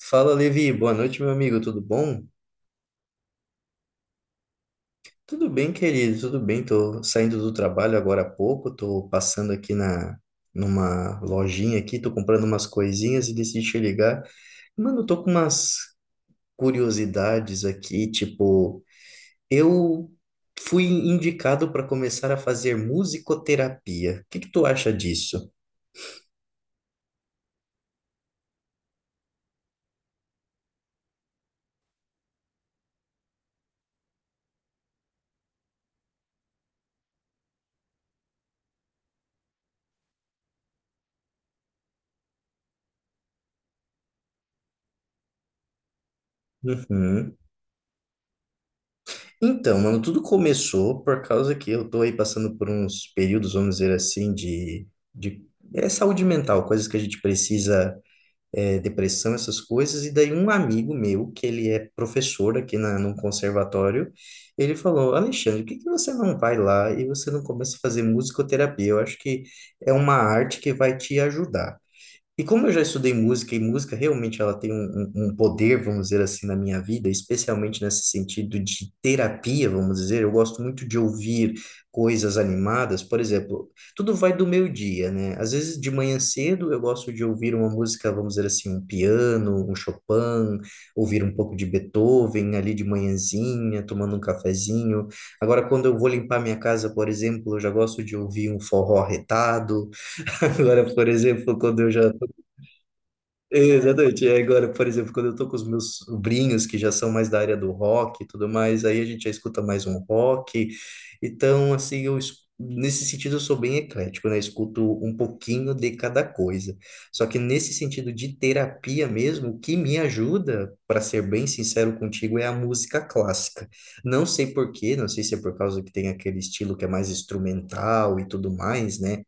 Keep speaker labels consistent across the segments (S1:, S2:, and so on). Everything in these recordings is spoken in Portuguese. S1: Fala, Levi. Boa noite, meu amigo. Tudo bom? Tudo bem, querido. Tudo bem. Tô saindo do trabalho agora há pouco. Tô passando aqui na numa lojinha aqui, tô comprando umas coisinhas e decidi te ligar. Mano, eu tô com umas curiosidades aqui, tipo, eu fui indicado para começar a fazer musicoterapia. O que que tu acha disso? Uhum. Então, mano, tudo começou por causa que eu tô aí passando por uns períodos, vamos dizer assim, de saúde mental, coisas que a gente precisa, depressão, essas coisas. E daí um amigo meu, que ele é professor aqui na, num conservatório, ele falou, Alexandre, por que que você não vai lá e você não começa a fazer musicoterapia? Eu acho que é uma arte que vai te ajudar. E como eu já estudei música, e música realmente ela tem um, um poder, vamos dizer assim, na minha vida, especialmente nesse sentido de terapia, vamos dizer, eu gosto muito de ouvir coisas animadas, por exemplo, tudo vai do meu dia, né? Às vezes de manhã cedo eu gosto de ouvir uma música, vamos dizer assim, um piano, um Chopin, ouvir um pouco de Beethoven ali de manhãzinha, tomando um cafezinho. Agora, quando eu vou limpar minha casa, por exemplo, eu já gosto de ouvir um forró retado. Agora, por exemplo, quando eu já Exatamente. E agora, por exemplo, quando eu tô com os meus sobrinhos, que já são mais da área do rock e tudo mais, aí a gente já escuta mais um rock. Então, assim, eu, nesse sentido eu sou bem eclético, né? Eu escuto um pouquinho de cada coisa. Só que nesse sentido de terapia mesmo, o que me ajuda, para ser bem sincero contigo, é a música clássica. Não sei por quê, não sei se é por causa que tem aquele estilo que é mais instrumental e tudo mais, né?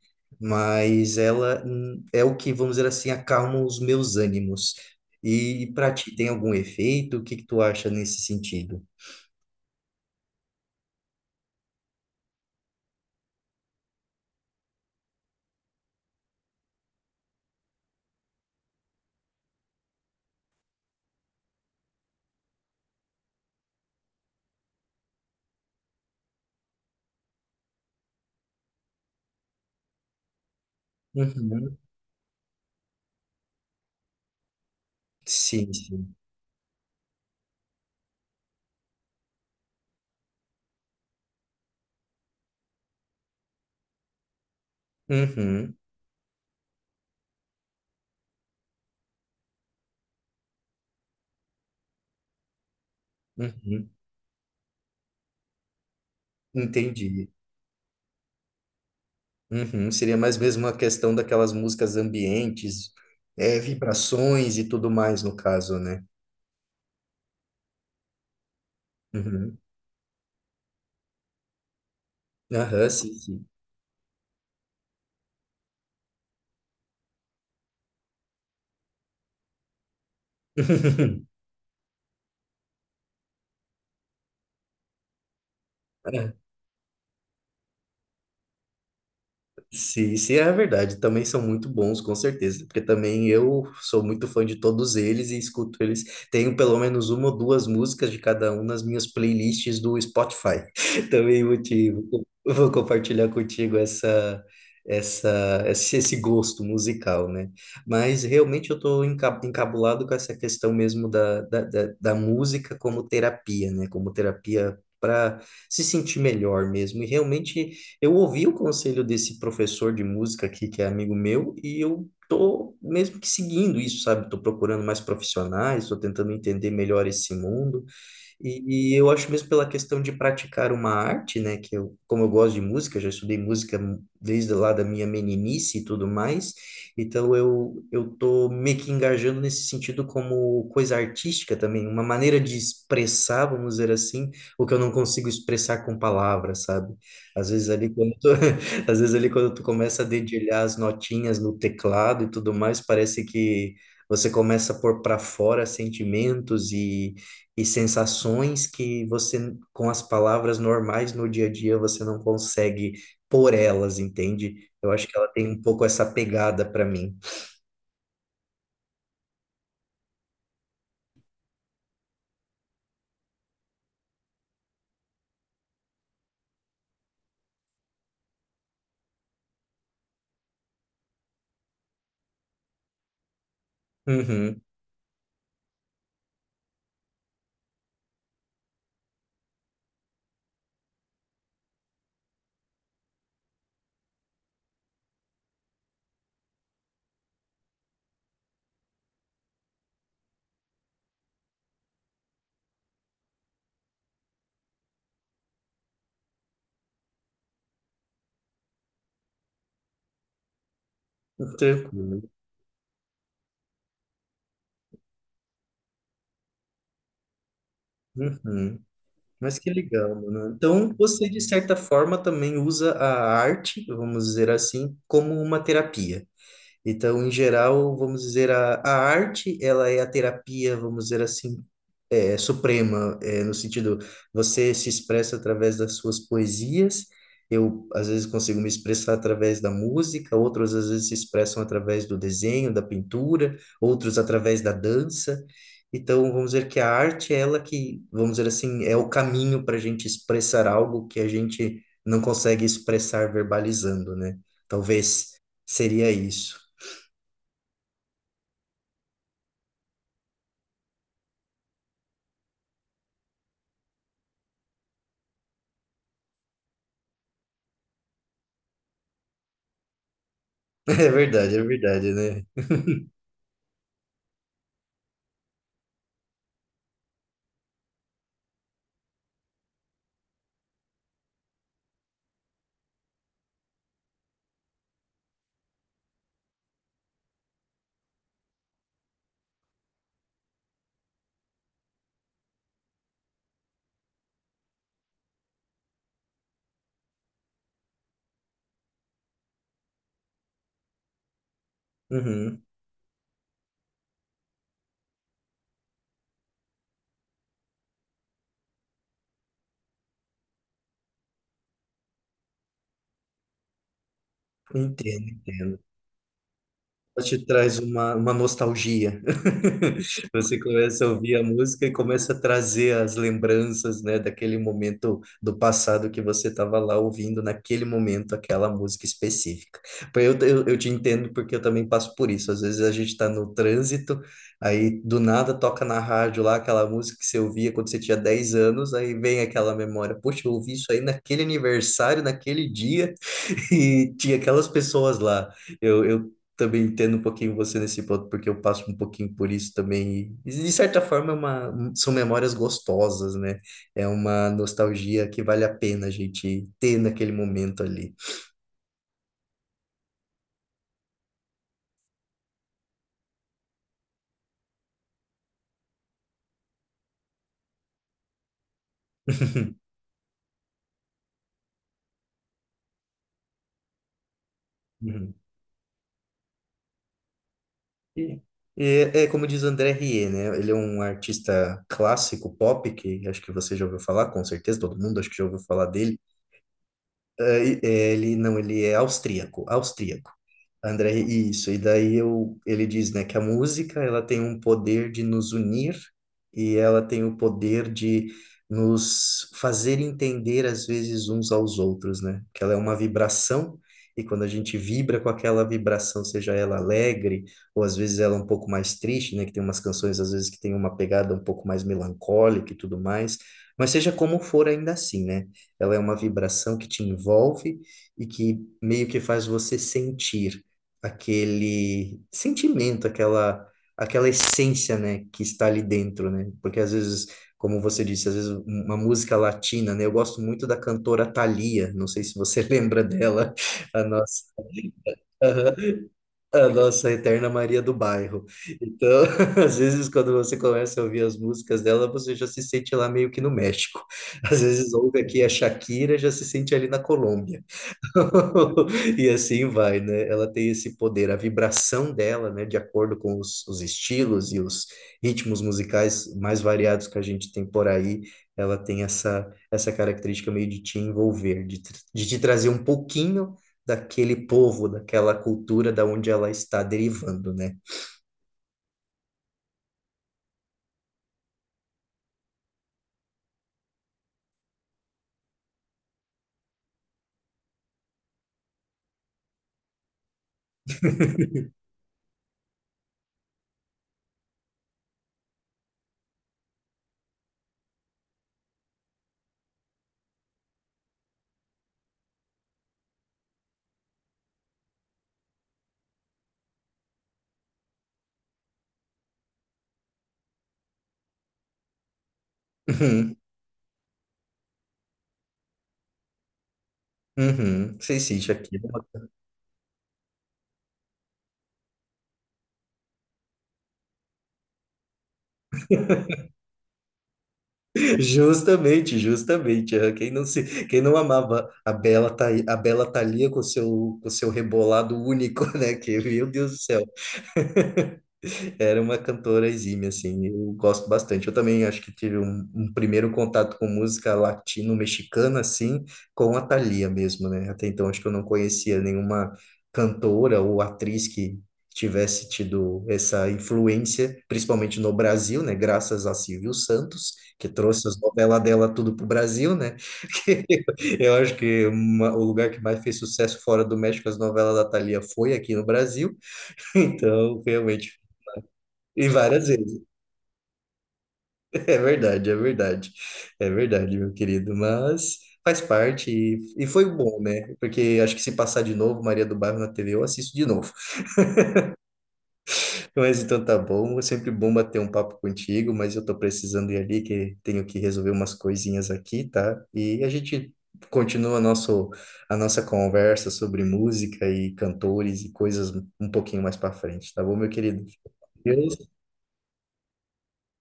S1: Mas ela é o que, vamos dizer assim, acalma os meus ânimos. E para ti, tem algum efeito? O que que tu acha nesse sentido? Uhum. Sim, sim. Uhum, uhum. Entendi. Uhum. Seria mais mesmo uma questão daquelas músicas ambientes, vibrações e tudo mais, no caso, né? Uhum. Aham, sim, sim. Aham, se é verdade, também são muito bons, com certeza, porque também eu sou muito fã de todos eles e escuto eles. Tenho pelo menos uma ou duas músicas de cada um nas minhas playlists do Spotify. Também vou te, vou compartilhar contigo essa, esse gosto musical, né? Mas realmente eu estou encabulado com essa questão mesmo da música como terapia, né? Como terapia para se sentir melhor mesmo. E realmente. Eu ouvi o conselho desse professor de música aqui, que é amigo meu, e eu tô mesmo que seguindo isso, sabe? Tô procurando mais profissionais, tô tentando entender melhor esse mundo. E eu acho mesmo pela questão de praticar uma arte, né, que eu, como eu gosto de música, já estudei música desde lá da minha meninice e tudo mais, então eu tô meio que engajando nesse sentido como coisa artística também, uma maneira de expressar, vamos dizer assim, o que eu não consigo expressar com palavras, sabe? Às vezes ali quando tu, às vezes ali quando tu começa a dedilhar as notinhas no teclado e tudo mais, parece que você começa a pôr para fora sentimentos e sensações que você, com as palavras normais no dia a dia, você não consegue por elas, entende? Eu acho que ela tem um pouco essa pegada para mim. Uhum, tranquilo. Uhum. Mas que legal, mano. Então, você, de certa forma, também usa a arte, vamos dizer assim, como uma terapia. Então, em geral, vamos dizer, a arte, ela é a terapia, vamos dizer assim, suprema, no sentido, você se expressa através das suas poesias, eu, às vezes, consigo me expressar através da música, outros, às vezes, se expressam através do desenho, da pintura, outros através da dança. Então, vamos dizer que a arte é ela que, vamos dizer assim, é o caminho para a gente expressar algo que a gente não consegue expressar verbalizando, né? Talvez seria isso. É verdade, né? Uhum, entendo, entendo. Ela te traz uma nostalgia. Você começa a ouvir a música e começa a trazer as lembranças, né, daquele momento do passado que você estava lá ouvindo naquele momento aquela música específica. Pô, eu, eu te entendo porque eu também passo por isso. Às vezes a gente está no trânsito, aí do nada toca na rádio lá aquela música que você ouvia quando você tinha 10 anos, aí vem aquela memória. Poxa, eu ouvi isso aí naquele aniversário, naquele dia. E tinha aquelas pessoas lá. Eu também entendo um pouquinho você nesse ponto, porque eu passo um pouquinho por isso também. E, de certa forma, é uma, são memórias gostosas, né? É uma nostalgia que vale a pena a gente ter naquele momento ali. Uhum. E, e é, é como diz o André Rie, né? Ele é um artista clássico pop, que acho que você já ouviu falar, com certeza, todo mundo acho que já ouviu falar dele. Ele não, ele é austríaco, austríaco. André, isso. E daí eu, ele diz, né, que a música ela tem um poder de nos unir e ela tem o poder de nos fazer entender às vezes uns aos outros, né? Que ela é uma vibração e quando a gente vibra com aquela vibração, seja ela alegre ou às vezes ela um pouco mais triste, né? Que tem umas canções às vezes que tem uma pegada um pouco mais melancólica e tudo mais, mas seja como for ainda assim, né? Ela é uma vibração que te envolve e que meio que faz você sentir aquele sentimento, aquela aquela essência, né, que está ali dentro, né? Porque às vezes, como você disse, às vezes uma música latina, né? Eu gosto muito da cantora Thalia, não sei se você lembra dela, a nossa a nossa eterna Maria do Bairro. Então, às vezes, quando você começa a ouvir as músicas dela, você já se sente lá meio que no México. Às vezes, ouve aqui a Shakira, já se sente ali na Colômbia. E assim vai, né? Ela tem esse poder, a vibração dela, né? De acordo com os estilos e os ritmos musicais mais variados que a gente tem por aí, ela tem essa, essa característica meio de te envolver, de, de te trazer um pouquinho daquele povo, daquela cultura da onde ela está derivando, né? Uhum, uhum. Sei sim, Shakira. Justamente, justamente. É. Quem não se, quem não amava a Bela, a Bela Thalia com seu rebolado único, né? Que, meu Deus do céu. Era uma cantora exímia, assim, eu gosto bastante. Eu também acho que tive um, um primeiro contato com música latino-mexicana, assim, com a Thalia mesmo, né? Até então acho que eu não conhecia nenhuma cantora ou atriz que tivesse tido essa influência, principalmente no Brasil, né? Graças a Silvio Santos, que trouxe as novelas dela tudo pro Brasil, né? Eu acho que o lugar que mais fez sucesso fora do México, as novelas da Thalia, foi aqui no Brasil. Então, realmente. E várias vezes. É verdade, é verdade. É verdade, meu querido. Mas faz parte e foi bom, né? Porque acho que se passar de novo Maria do Bairro na TV, eu assisto de novo. Mas então tá bom. É sempre bom bater um papo contigo, mas eu tô precisando ir ali, que tenho que resolver umas coisinhas aqui, tá? E a gente continua nosso, a nossa conversa sobre música e cantores e coisas um pouquinho mais pra frente, tá bom, meu querido? Deus.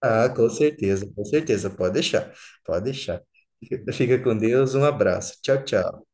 S1: Ah, com certeza, com certeza. Pode deixar, pode deixar. Fica fica com Deus, um abraço. Tchau, tchau.